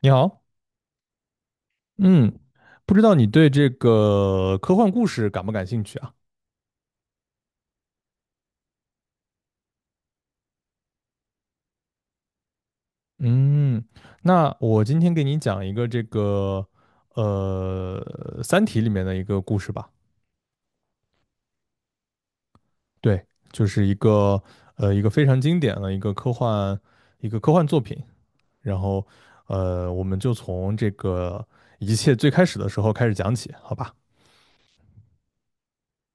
你好，嗯，不知道你对这个科幻故事感不感兴趣啊？嗯，那我今天给你讲一个这个呃《三体》里面的一个故事吧。对，就是一个非常经典的一个科幻作品。然后我们就从这个一切最开始的时候开始讲起，好吧？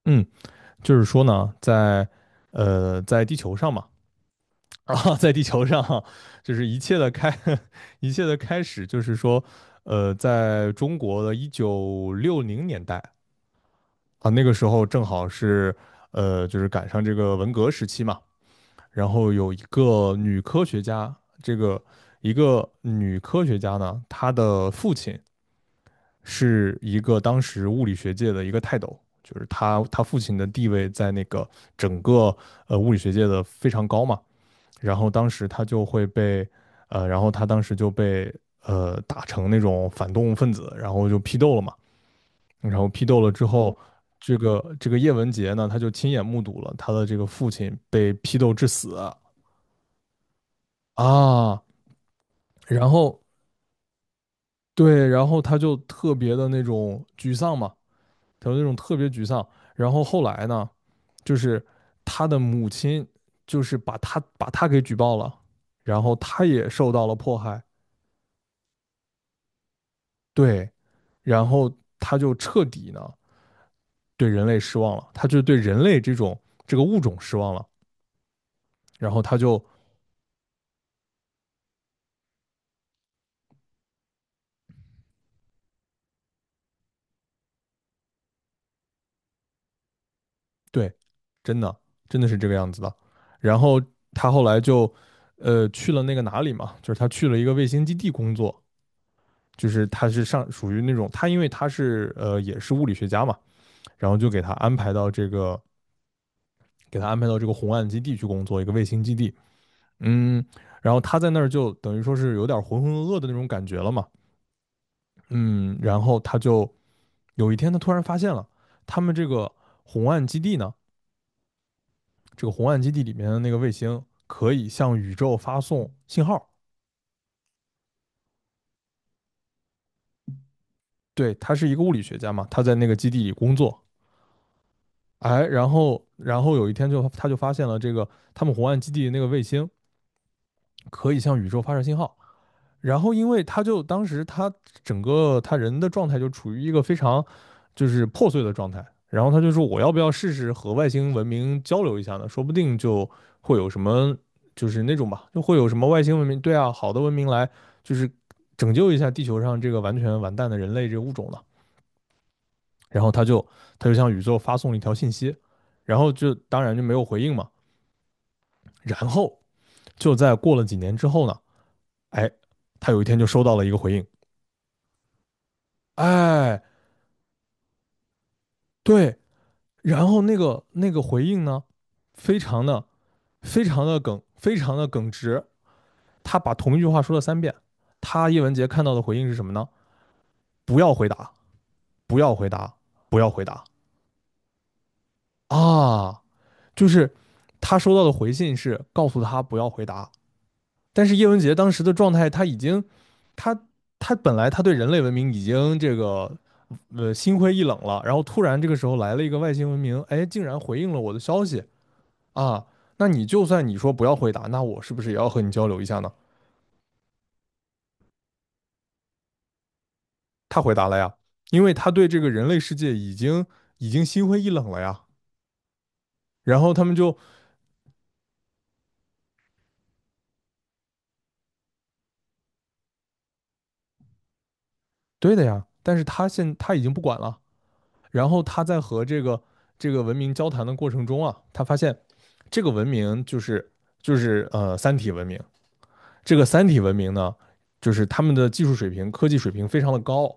嗯，就是说呢，在地球上嘛。啊，在地球上，就是一切的开，一切的开始，就是说，在中国的1960年代啊，那个时候正好是，就是赶上这个文革时期嘛，然后有一个女科学家，这个一个女科学家呢，她的父亲是一个当时物理学界的一个泰斗，就是她父亲的地位在那个整个物理学界的非常高嘛。然后当时他就会被，呃，然后他当时就被打成那种反动分子，然后就批斗了嘛。然后批斗了之后，这个叶文洁呢，他就亲眼目睹了他的这个父亲被批斗致死啊。然后对，然后他就特别的那种沮丧嘛，他就那种特别沮丧。然后后来呢，就是他的母亲就是把他给举报了，然后他也受到了迫害。对，然后他就彻底呢对人类失望了，他就对人类这种这个物种失望了，然后他就对，真的真的是这个样子的，然后他后来就去了那个哪里嘛，就是他去了一个卫星基地工作，就是他是上属于那种他因为他是也是物理学家嘛，然后就给他安排到这个红岸基地去工作，一个卫星基地，嗯，然后他在那儿就等于说是有点浑浑噩噩的那种感觉了嘛。嗯，然后他就有一天他突然发现了，他们这个红岸基地呢，这个红岸基地里面的那个卫星可以向宇宙发送信号。对，他是一个物理学家嘛，他在那个基地里工作。哎，然后有一天他就发现了这个他们红岸基地那个卫星可以向宇宙发射信号，然后因为他就当时他整个他人的状态就处于一个非常就是破碎的状态，然后他就说我要不要试试和外星文明交流一下呢？说不定就会有什么就是那种吧，就会有什么外星文明，对啊，好的文明来就是拯救一下地球上这个完全完蛋的人类这个物种了。然后他就向宇宙发送了一条信息，然后就当然就没有回应嘛。然后就在过了几年之后呢，哎，他有一天就收到了一个回应，哎，对。然后那个回应呢，非常的非常的非常的耿直。他把同一句话说了3遍。叶文洁看到的回应是什么呢？不要回答，不要回答，不要回答啊！就是他收到的回信是告诉他不要回答，但是叶文洁当时的状态，他已经，他他本来他对人类文明已经这个心灰意冷了，然后突然这个时候来了一个外星文明，哎，竟然回应了我的消息，啊，那你就算你说不要回答，那我是不是也要和你交流一下呢？他回答了呀，因为他对这个人类世界已经已经心灰意冷了呀。然后他们就对的呀，但是他已经不管了。然后他在和这个文明交谈的过程中啊，他发现这个文明就是三体文明，这个三体文明呢，就是他们的技术水平、科技水平非常的高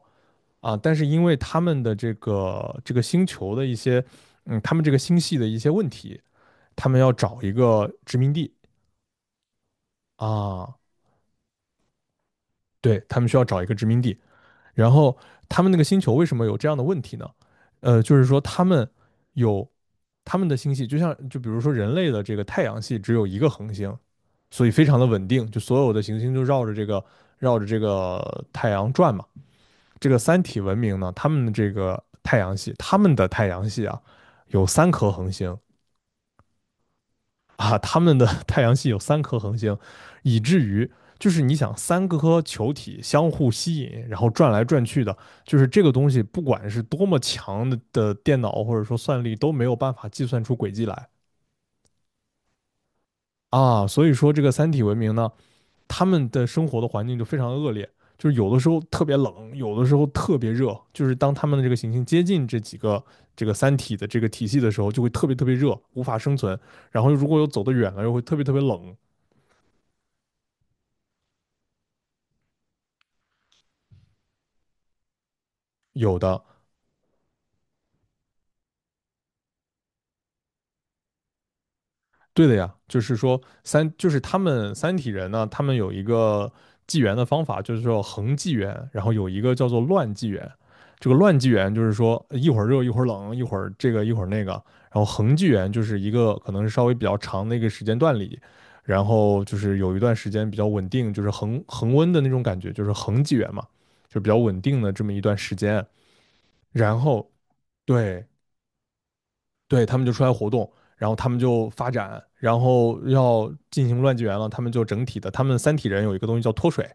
啊，但是因为他们的这个星球的一些他们这个星系的一些问题。他们要找一个殖民地啊，对他们需要找一个殖民地。然后他们那个星球为什么有这样的问题呢？就是说他们有他们的星系，就像就比如说人类的这个太阳系只有一个恒星，所以非常的稳定，就所有的行星就绕着这个太阳转嘛。这个三体文明呢，他们的这个太阳系，他们的太阳系啊，有三颗恒星，啊，他们的 太阳系有3颗恒星，以至于就是你想三个颗球体相互吸引，然后转来转去的，就是这个东西，不管是多么强的电脑或者说算力都没有办法计算出轨迹来啊。所以说这个三体文明呢，他们的生活的环境就非常恶劣，就是有的时候特别冷，有的时候特别热，就是当他们的这个行星接近这个三体的这个体系的时候，就会特别特别热，无法生存。然后如果又走得远了，又会特别特别冷。有的对的呀，就是说三，就是他们三体人呢，他们有一个纪元的方法，就是说恒纪元，然后有一个叫做乱纪元。这个乱纪元就是说一会儿热一会儿冷，一会儿这个一会儿那个。然后恒纪元就是一个可能是稍微比较长的一个时间段里，然后就是有一段时间比较稳定，就是恒温的那种感觉，就是恒纪元嘛，就比较稳定的这么一段时间。然后对，对，他们就出来活动，然后他们就发展，然后要进行乱纪元了，他们就整体的，他们三体人有一个东西叫脱水，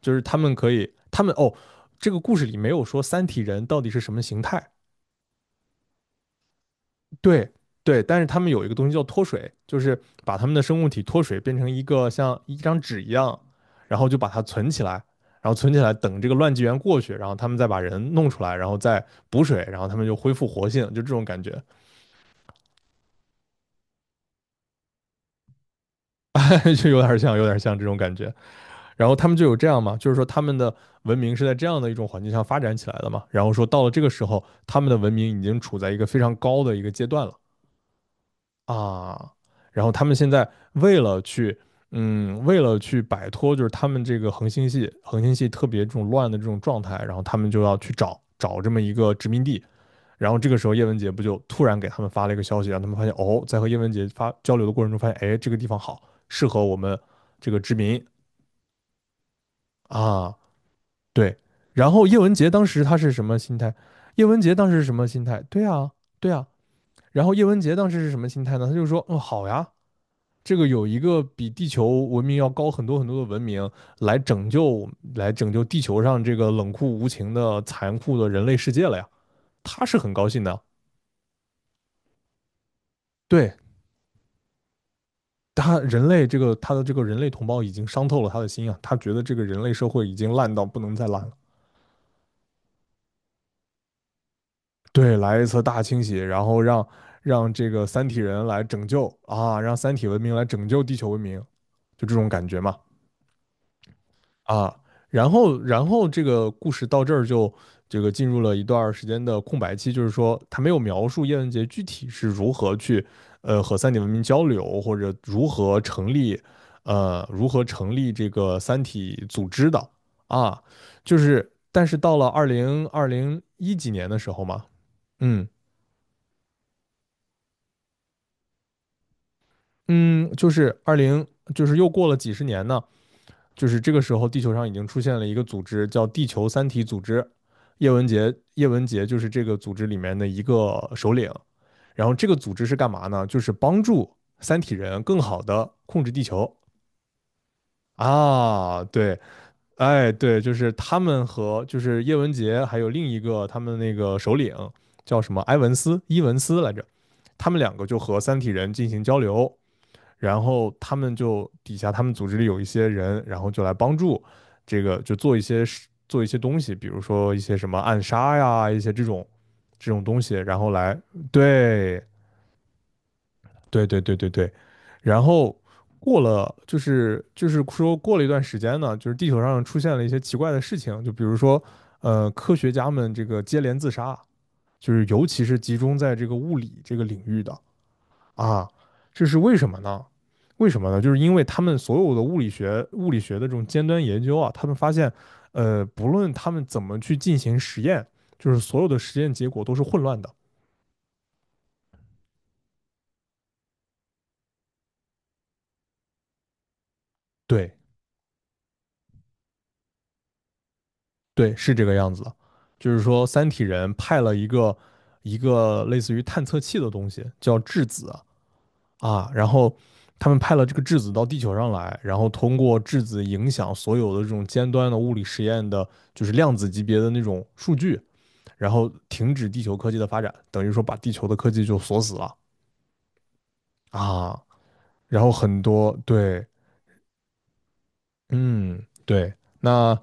就是他们可以，他们这个故事里没有说三体人到底是什么形态，对对，但是他们有一个东西叫脱水，就是把他们的生物体脱水变成一个像一张纸一样，然后就把它存起来，然后存起来等这个乱纪元过去，然后他们再把人弄出来，然后再补水，然后他们就恢复活性，就这种感觉。就有点像，有点像这种感觉。然后他们就有这样嘛，就是说他们的文明是在这样的一种环境下发展起来的嘛。然后说到了这个时候，他们的文明已经处在一个非常高的一个阶段了啊。然后他们现在为了去，为了去摆脱就是他们这个恒星系特别这种乱的这种状态，然后他们就要去找找这么一个殖民地，然后这个时候叶文洁不就突然给他们发了一个消息，让他们发现哦，在和叶文洁发交流的过程中发现，哎，这个地方好，适合我们这个殖民啊，对。然后叶文洁当时他是什么心态？叶文洁当时是什么心态？对啊，对啊。然后叶文洁当时是什么心态呢？他就说，嗯，好呀，这个有一个比地球文明要高很多很多的文明来拯救，来拯救地球上这个冷酷无情的残酷的人类世界了呀，他是很高兴的。对，他人类这个他的这个人类同胞已经伤透了他的心啊，他觉得这个人类社会已经烂到不能再烂了。对，来一次大清洗，然后让让这个三体人来拯救啊，让三体文明来拯救地球文明，就这种感觉嘛。啊，然后这个故事到这儿就这个进入了一段时间的空白期，就是说他没有描述叶文洁具体是如何去和三体文明交流，或者如何成立这个三体组织的啊，就是但是到了二零一几年的时候嘛，嗯嗯，就是二零就是又过了几十年呢，就是这个时候，地球上已经出现了一个组织，叫地球三体组织。叶文洁，叶文洁就是这个组织里面的一个首领。然后这个组织是干嘛呢？就是帮助三体人更好的控制地球啊。对，哎，对，就是他们和就是叶文洁还有另一个他们那个首领叫什么埃文斯伊文斯来着，他们两个就和三体人进行交流，然后他们就底下他们组织里有一些人，然后就来帮助这个，就做一些事做一些东西，比如说一些什么暗杀呀，一些这种这种东西，然后来对对对对对对，然后过了就是说过了一段时间呢，就是地球上出现了一些奇怪的事情，就比如说科学家们这个接连自杀，就是尤其是集中在这个物理这个领域的。啊，这是为什么呢？为什么呢？就是因为他们所有的物理学、物理学的这种尖端研究啊，他们发现，不论他们怎么去进行实验，就是所有的实验结果都是混乱的。对，对，是这个样子的。就是说，三体人派了一个类似于探测器的东西，叫质子啊，然后他们派了这个质子到地球上来，然后通过质子影响所有的这种尖端的物理实验的，就是量子级别的那种数据。然后停止地球科技的发展，等于说把地球的科技就锁死了啊。然后很多对，嗯，对，那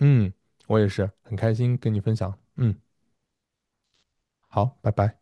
嗯，我也是很开心跟你分享，好，拜拜。